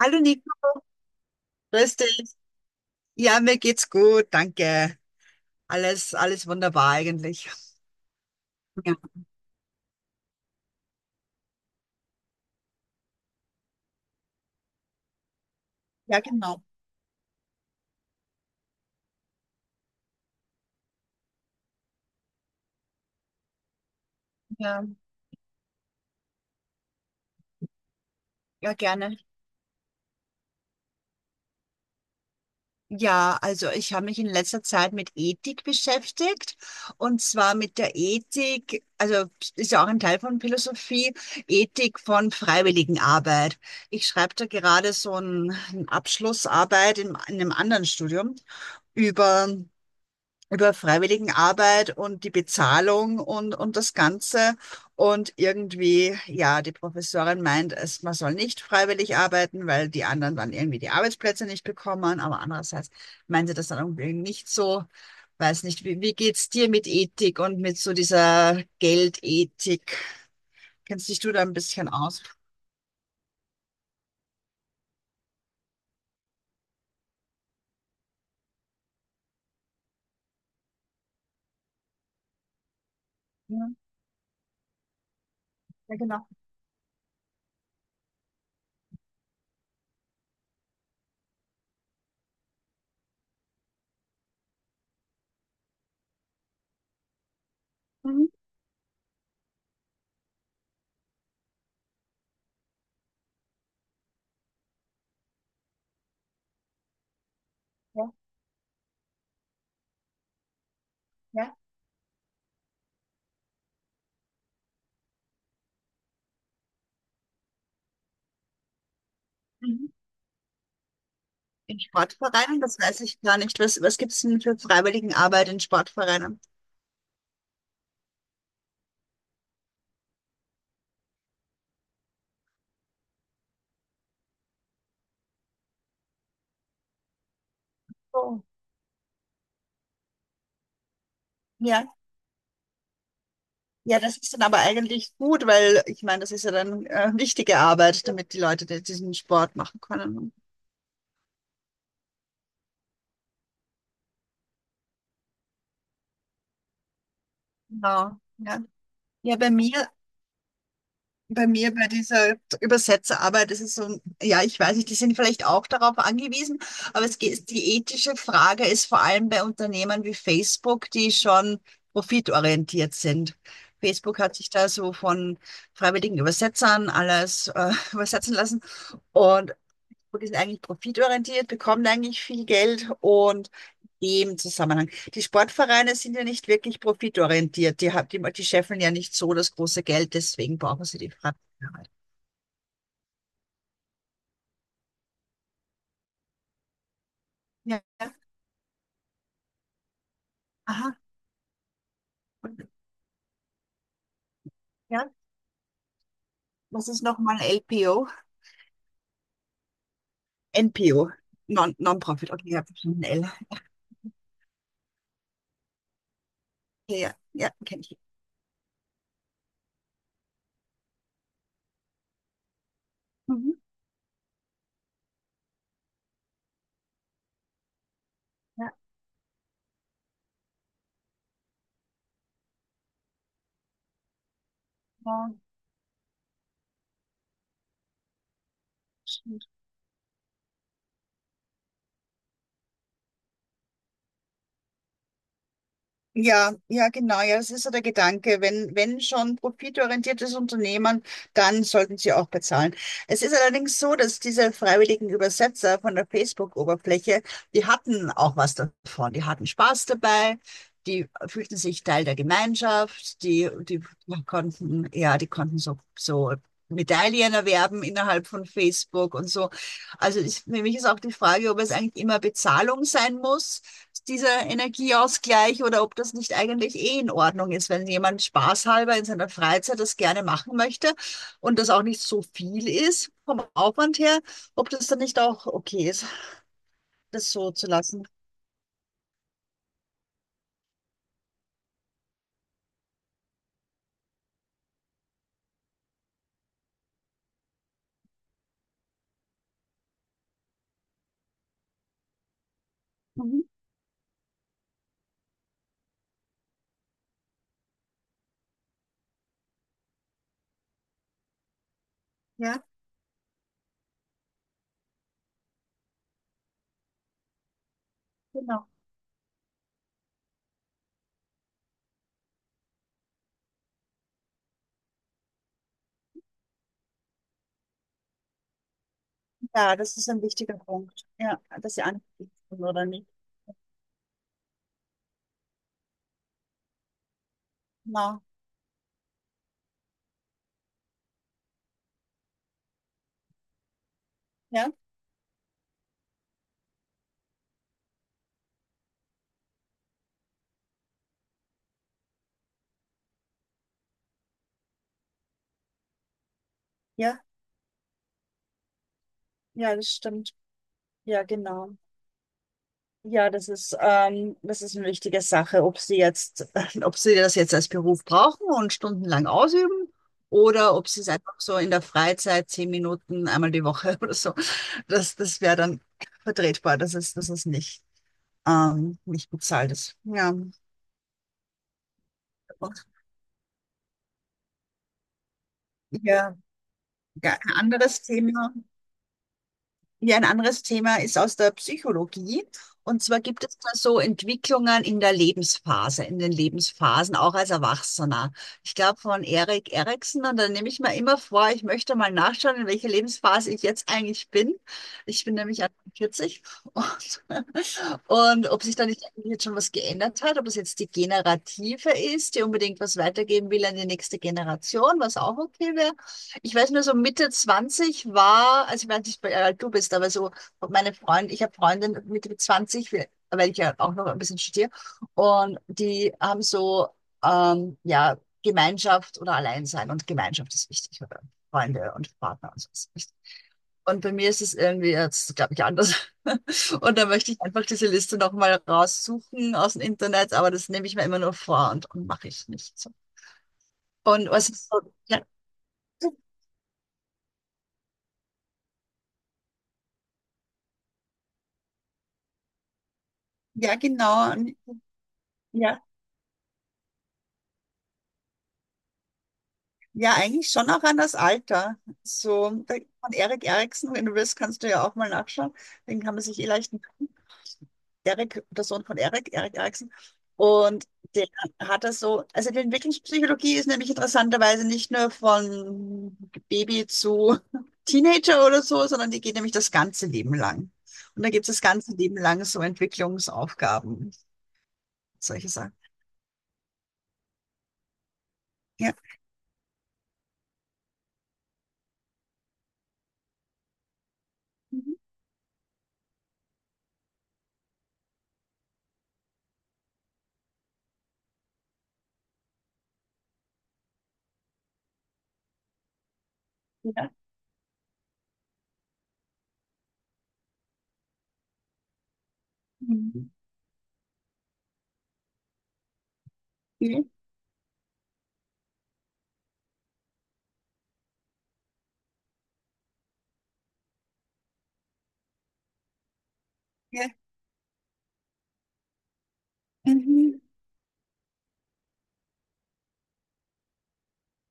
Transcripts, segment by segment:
Hallo Nico, grüß dich. Ja, mir geht's gut, danke. Alles, alles wunderbar eigentlich. Ja, ja genau. Ja, ja, gerne. Ja, also ich habe mich in letzter Zeit mit Ethik beschäftigt und zwar mit der Ethik, also ist ja auch ein Teil von Philosophie, Ethik von Freiwilligenarbeit. Ich schreibe da gerade eine Abschlussarbeit in einem anderen Studium über über Freiwilligenarbeit und die Bezahlung und das Ganze. Und irgendwie, ja, die Professorin meint, man soll nicht freiwillig arbeiten, weil die anderen dann irgendwie die Arbeitsplätze nicht bekommen. Aber andererseits meint sie das dann irgendwie nicht so. Weiß nicht, wie geht's dir mit Ethik und mit so dieser Geldethik? Kennst dich du da ein bisschen aus? Ja, ja, genau. Mhm. Ja, ja. Mhm. In Sportvereinen, das weiß ich gar nicht. Was gibt's denn für Freiwilligenarbeit in Sportvereinen? Oh. Ja. Ja, das ist dann aber eigentlich gut, weil ich meine, das ist ja dann wichtige Arbeit, damit die Leute diesen Sport machen können. Genau. Ja, ja bei mir Bei mir, bei dieser Übersetzerarbeit ist es so, ja, ich weiß nicht, die sind vielleicht auch darauf angewiesen, aber es geht, die ethische Frage ist vor allem bei Unternehmen wie Facebook, die schon profitorientiert sind. Facebook hat sich da so von freiwilligen Übersetzern alles übersetzen lassen und Facebook ist eigentlich profitorientiert, bekommt eigentlich viel Geld und in dem Zusammenhang die Sportvereine sind ja nicht wirklich profitorientiert. Die, die, die scheffeln ja nicht so das große Geld, deswegen brauchen sie die Freiwilligenarbeit. Ja, ja. Aha. Und, ja, was ist nochmal LPO? NPO, Non-Profit. Okay, ja, verstanden. L. Okay, ja, ja, kenne ich. Mhm. Ja, ja. Ja, ja, genau. Ja, das ist so der Gedanke. Wenn schon profitorientiertes Unternehmen, dann sollten sie auch bezahlen. Es ist allerdings so, dass diese freiwilligen Übersetzer von der Facebook-Oberfläche, die hatten auch was davon. Die hatten Spaß dabei. Die fühlten sich Teil der Gemeinschaft. Die konnten, ja, die konnten so, so Medaillen erwerben innerhalb von Facebook und so. Also ich, für mich ist auch die Frage, ob es eigentlich immer Bezahlung sein muss, dieser Energieausgleich, oder ob das nicht eigentlich eh in Ordnung ist, wenn jemand spaßhalber in seiner Freizeit das gerne machen möchte und das auch nicht so viel ist vom Aufwand her, ob das dann nicht auch okay ist, das so zu lassen. Mhm. Ja, genau. Ja, das ist ein wichtiger Punkt. Ja, dass sie anbieten oder nicht. Genau. Ja, ja, ja, das stimmt. Ja, genau. Ja, das ist eine wichtige Sache, ob sie jetzt, ob sie das jetzt als Beruf brauchen und stundenlang ausüben oder ob sie es einfach so in der Freizeit zehn Minuten einmal die Woche oder so. Das wäre dann vertretbar. Dass es nicht, nicht bezahlt ist. Ja. Ja, ja, ein anderes Thema. Ja, ein anderes Thema ist aus der Psychologie. Und zwar gibt es da so Entwicklungen in der Lebensphase, in den Lebensphasen, auch als Erwachsener. Ich glaube von Erik Erikson, und dann nehme ich mir immer vor, ich möchte mal nachschauen, in welcher Lebensphase ich jetzt eigentlich bin. Ich bin nämlich 40 und und ob sich da nicht eigentlich jetzt schon was geändert hat, ob es jetzt die Generative ist, die unbedingt was weitergeben will an die nächste Generation, was auch okay wäre. Ich weiß nur, so Mitte 20 war, also ich weiß nicht, wie alt du bist, aber so meine Freundin, ich habe Freundin Mitte 20, weil ich ja auch noch ein bisschen studiere, und die haben so, ja, Gemeinschaft oder Alleinsein und Gemeinschaft ist wichtig, oder Freunde und Partner und so ist wichtig. Und bei mir ist es irgendwie jetzt, glaube ich, anders. Und da möchte ich einfach diese Liste nochmal raussuchen aus dem Internet, aber das nehme ich mir immer nur vor und mache ich nicht. So. Und was ist so, ja, ja, genau. Und, ja. Ja, eigentlich schon auch an das Alter. So, da von Erik Eriksen, wenn du willst, kannst du ja auch mal nachschauen. Den kann man sich eh leicht merken. Erik, der Sohn von Erik, Erik Eriksen. Und der hat das so, also die Entwicklungspsychologie ist nämlich interessanterweise nicht nur von Baby zu Teenager oder so, sondern die geht nämlich das ganze Leben lang. Und da gibt es das ganze Leben lang so Entwicklungsaufgaben, solche Sachen. Ja. Mhm. Ja. Mhm. Ja. Ja. Mhm.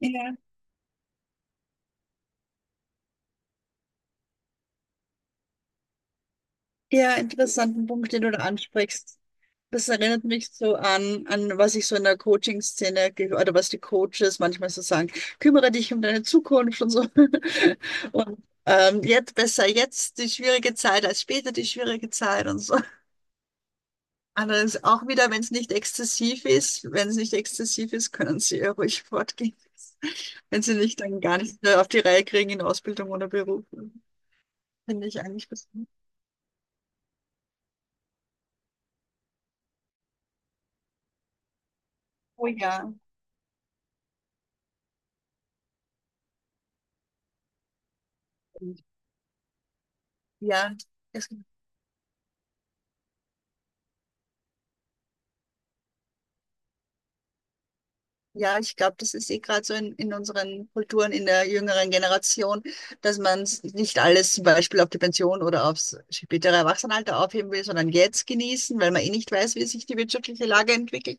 Ja. Ja, interessanten Punkt, den du da ansprichst. Das erinnert mich so an, an was ich so in der Coaching-Szene oder was die Coaches manchmal so sagen, kümmere dich um deine Zukunft und so. Und jetzt besser jetzt die schwierige Zeit als später die schwierige Zeit und so. Allerdings auch wieder, wenn es nicht exzessiv ist, wenn es nicht exzessiv ist, können sie ja ruhig fortgehen. Wenn sie nicht dann gar nicht mehr auf die Reihe kriegen in Ausbildung oder Beruf. Finde ich eigentlich besonders. Oh ja. Ja, es ja, ich glaube, das ist eh gerade so in unseren Kulturen, in der jüngeren Generation, dass man nicht alles zum Beispiel auf die Pension oder aufs spätere Erwachsenenalter aufheben will, sondern jetzt genießen, weil man eh nicht weiß, wie sich die wirtschaftliche Lage entwickelt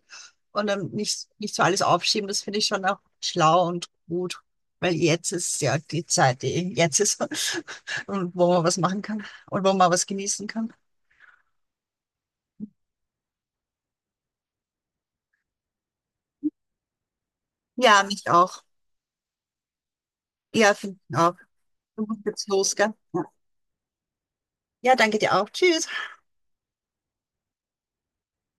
und dann nicht so alles aufschieben. Das finde ich schon auch schlau und gut, weil jetzt ist ja die Zeit, die jetzt ist und wo man was machen kann und wo man was genießen kann. Ja, mich auch. Ja, finde ich auch. Und jetzt los, gell? Ja, danke dir auch. Tschüss.